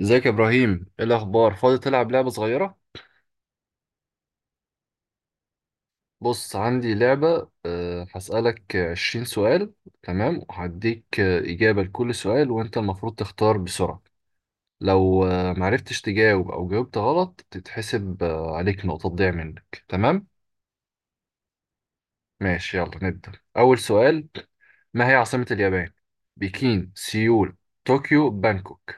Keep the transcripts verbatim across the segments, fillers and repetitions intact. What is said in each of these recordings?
ازيك يا ابراهيم؟ ايه الاخبار؟ فاضي تلعب لعبه صغيره؟ بص، عندي لعبه. أه هسالك عشرين سؤال. تمام، وهديك آه، اجابه لكل سؤال، وانت المفروض تختار بسرعه. لو آه، معرفتش تجاوب او جاوبت غلط تتحسب آه، عليك نقطه تضيع منك، تمام؟ ماشي، يلا نبدا اول سؤال. ما هي عاصمه اليابان؟ بكين، سيول، طوكيو، بانكوك؟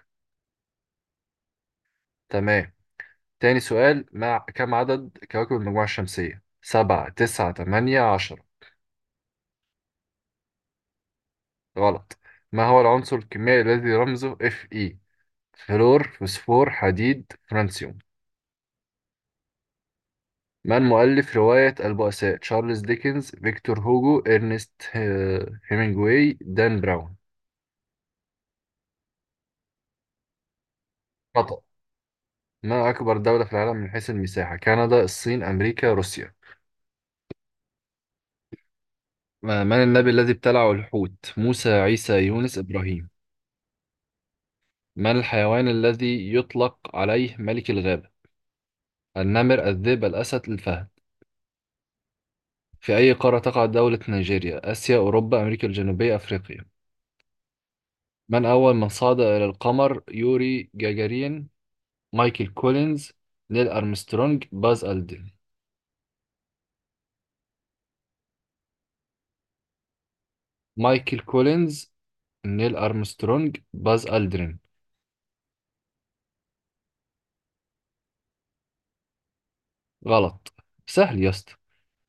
تمام. تاني سؤال. ما كم عدد كواكب المجموعه الشمسيه؟ سبعة، تسعة، تمانية، عشرة؟ غلط. ما هو العنصر الكيميائي الذي رمزه اف اي؟ فلور، فوسفور، حديد، فرانسيوم؟ من مؤلف رواية البؤساء؟ تشارلز ديكنز، فيكتور هوجو، إرنست آه، هيمنجواي، دان براون؟ خطأ. ما أكبر دولة في العالم من حيث المساحة؟ كندا، الصين، أمريكا، روسيا؟ ما- من النبي الذي ابتلعه الحوت؟ موسى، عيسى، يونس، إبراهيم؟ من الحيوان الذي يطلق عليه ملك الغابة؟ النمر، الذئب، الأسد، الفهد؟ في أي قارة تقع دولة نيجيريا؟ آسيا، أوروبا، أمريكا الجنوبية، أفريقيا. من أول من صعد إلى القمر؟ يوري جاجارين، مايكل كولينز، نيل أرمسترونج، باز ألدرين. مايكل كولينز، نيل أرمسترونج، باز ألدرين. غلط. سهل يا اسطى.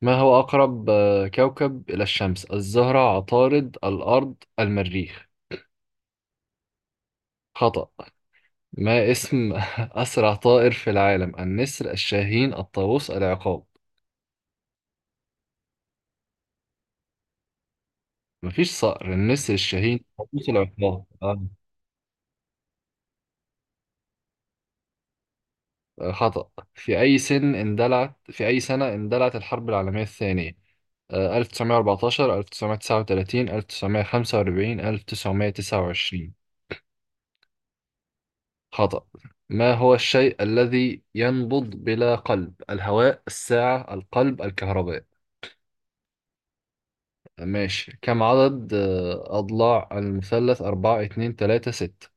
ما هو أقرب آه، كوكب إلى الشمس؟ الزهرة، عطارد، الأرض، المريخ. خطأ. ما اسم أسرع طائر في العالم؟ النسر، الشاهين، الطاووس، العقاب. مفيش صقر. النسر، الشاهين، قابوس، العقاب آه. آه، خطأ. في أي سن اندلعت في أي سنة اندلعت الحرب العالمية الثانية؟ آه، ألف وتسعمية وأربعتاشر، ألف وتسعمائة وتسعة وثلاثين، ألف وتسعمية وخمسة وأربعين، ألف وتسعمية وتسعة وعشرين؟ خطأ. ما هو الشيء الذي ينبض بلا قلب؟ الهواء، الساعة، القلب، الكهرباء؟ ماشي. كم عدد آه، أضلاع المثلث؟ أربعة، اتنين، تلاتة، ستة؟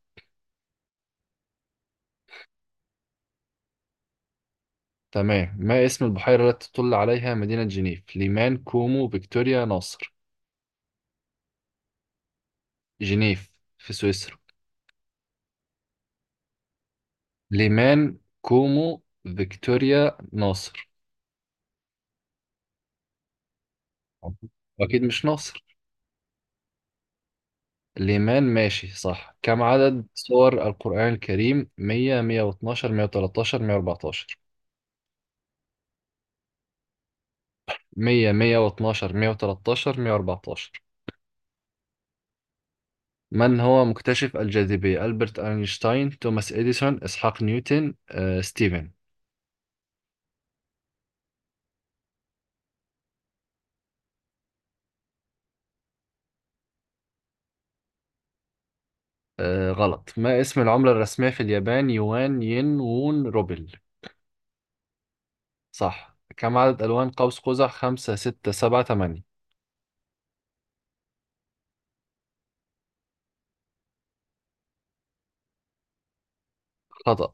تمام. ما اسم البحيرة التي تطل عليها مدينة جنيف؟ ليمان، كومو، فيكتوريا، ناصر؟ جنيف. في سويسرا. ليمان، كومو، فيكتوريا، ناصر؟ أكيد مش ناصر. ليمان. ماشي، صح. كم عدد سور القرآن الكريم؟ مية، مئة واثني عشر، مية وتلتاشر، مية وأربعتاشر؟ مية، مية واتناشر، مية وتلتاشر، مية وأربعتاشر؟ من هو مكتشف الجاذبية؟ ألبرت أينشتاين، توماس إديسون، إسحاق نيوتن، آه، ستيفن؟ آه غلط. ما اسم العملة الرسمية في اليابان؟ يوان، ين، وون، روبل؟ صح. كم عدد ألوان قوس قزح؟ خمسة، ستة، سبعة، تمانية؟ خطأ.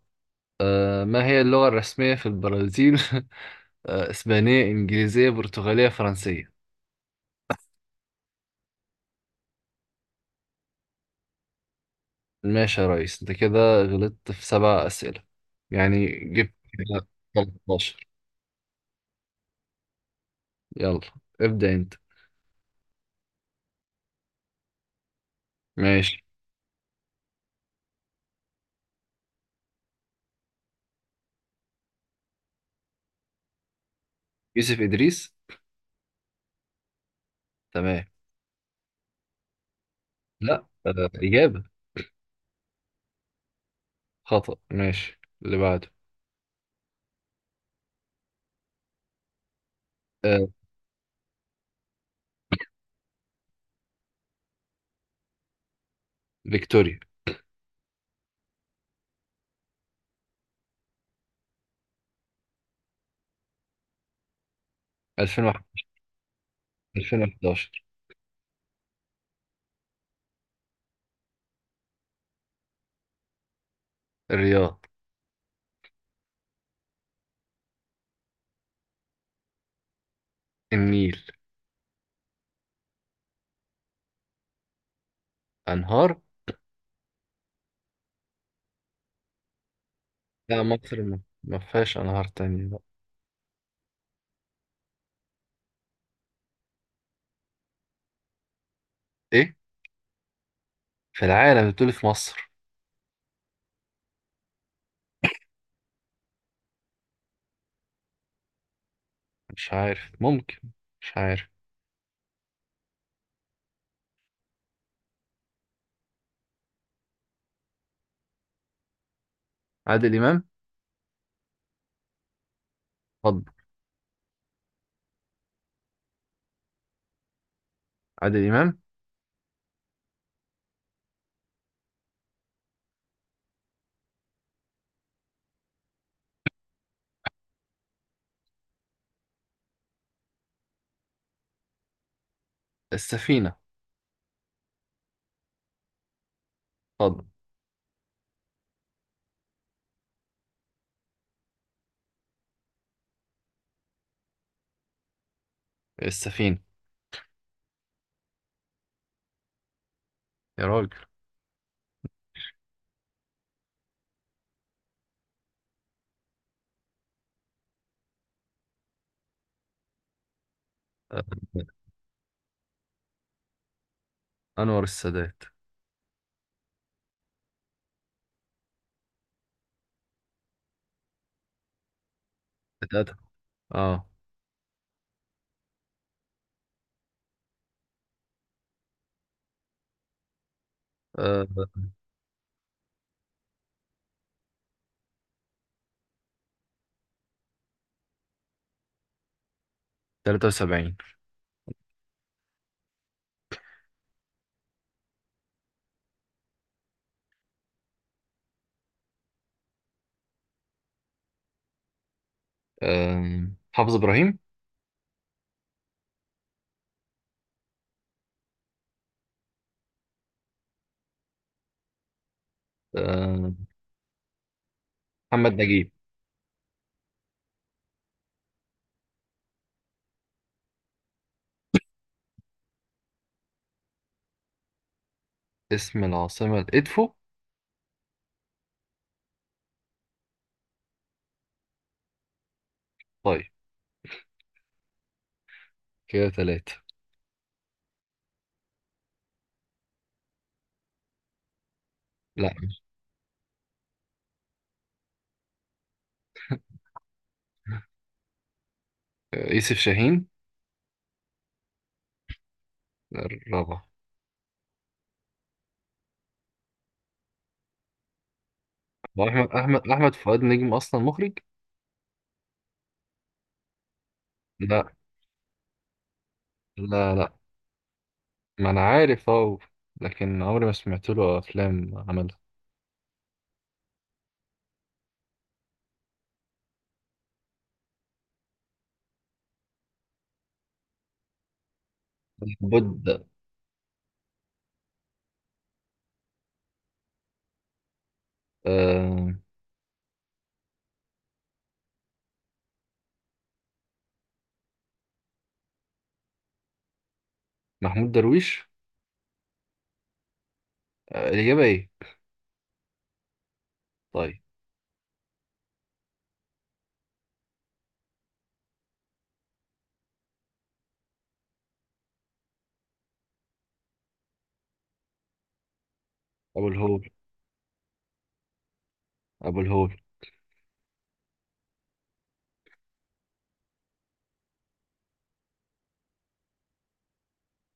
آه ما هي اللغة الرسمية في البرازيل؟ آه إسبانية، إنجليزية، برتغالية، فرنسية؟ ماشي يا ريس، أنت كده غلطت في سبع أسئلة. يعني جبت كده. تلتاشر. يلا. ابدأ أنت. ماشي. يوسف إدريس. تمام. لا. آه إجابة. خطأ. ماشي، اللي بعده. آه فيكتوريا. ألفين وواحد. ألفين وحداشر. الرياض. النيل. أنهار؟ لا، مصر ما ما فيهاش أنهار تانية بقى. إيه؟ في العالم؟ بتقول في مصر؟ مش عارف، ممكن. مش عارف. عادل إمام. اتفضل. عادل إمام. السفينة. اتفضل. السفينة. يا راجل. آه، أنور السادات. الأدب. آه. آه، تلاتة وسبعين. آه، حافظ إبراهيم. آه، محمد نجيب. اسم العاصمة إدفو. طيب. كده ثلاثة. لا. آه، يوسف شاهين. الرابع. هو احمد احمد احمد فؤاد نجم اصلا مخرج؟ لا، لا، لا. ما انا عارف، اه. لكن عمري ما سمعت له افلام عملها. بود. آه محمود درويش. آه الاجابه ايه؟ طيب. ابو الهول. ابو الهول.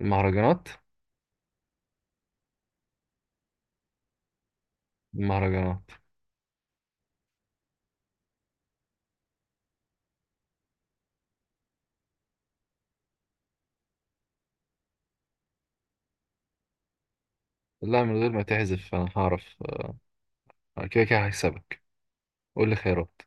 المهرجانات. المهرجانات. لا، من غير ما تحذف انا هعرف. آه، كده كده هكسبك. قول لي خيارات.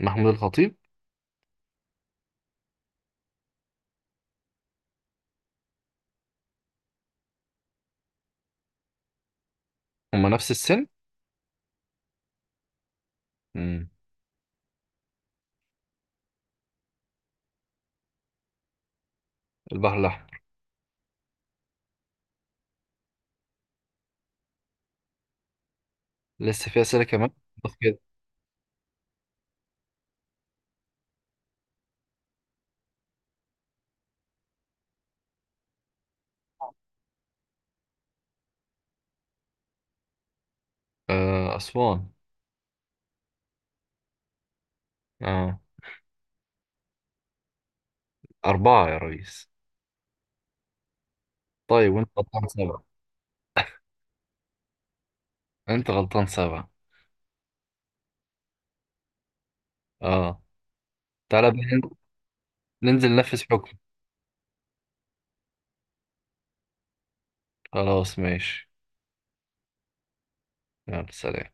محمود الخطيب. هما نفس السن. مم. البحر الاحمر. لسه في اسئله كمان؟ بس كده. آه اسوان. اه. اربعه يا ريس. طيب، وانت غلطان سبعة. انت غلطان سبعة. اه. تعالى بقى ننزل. ننزل ننفذ حكم. خلاص، ماشي. يلا، سلام.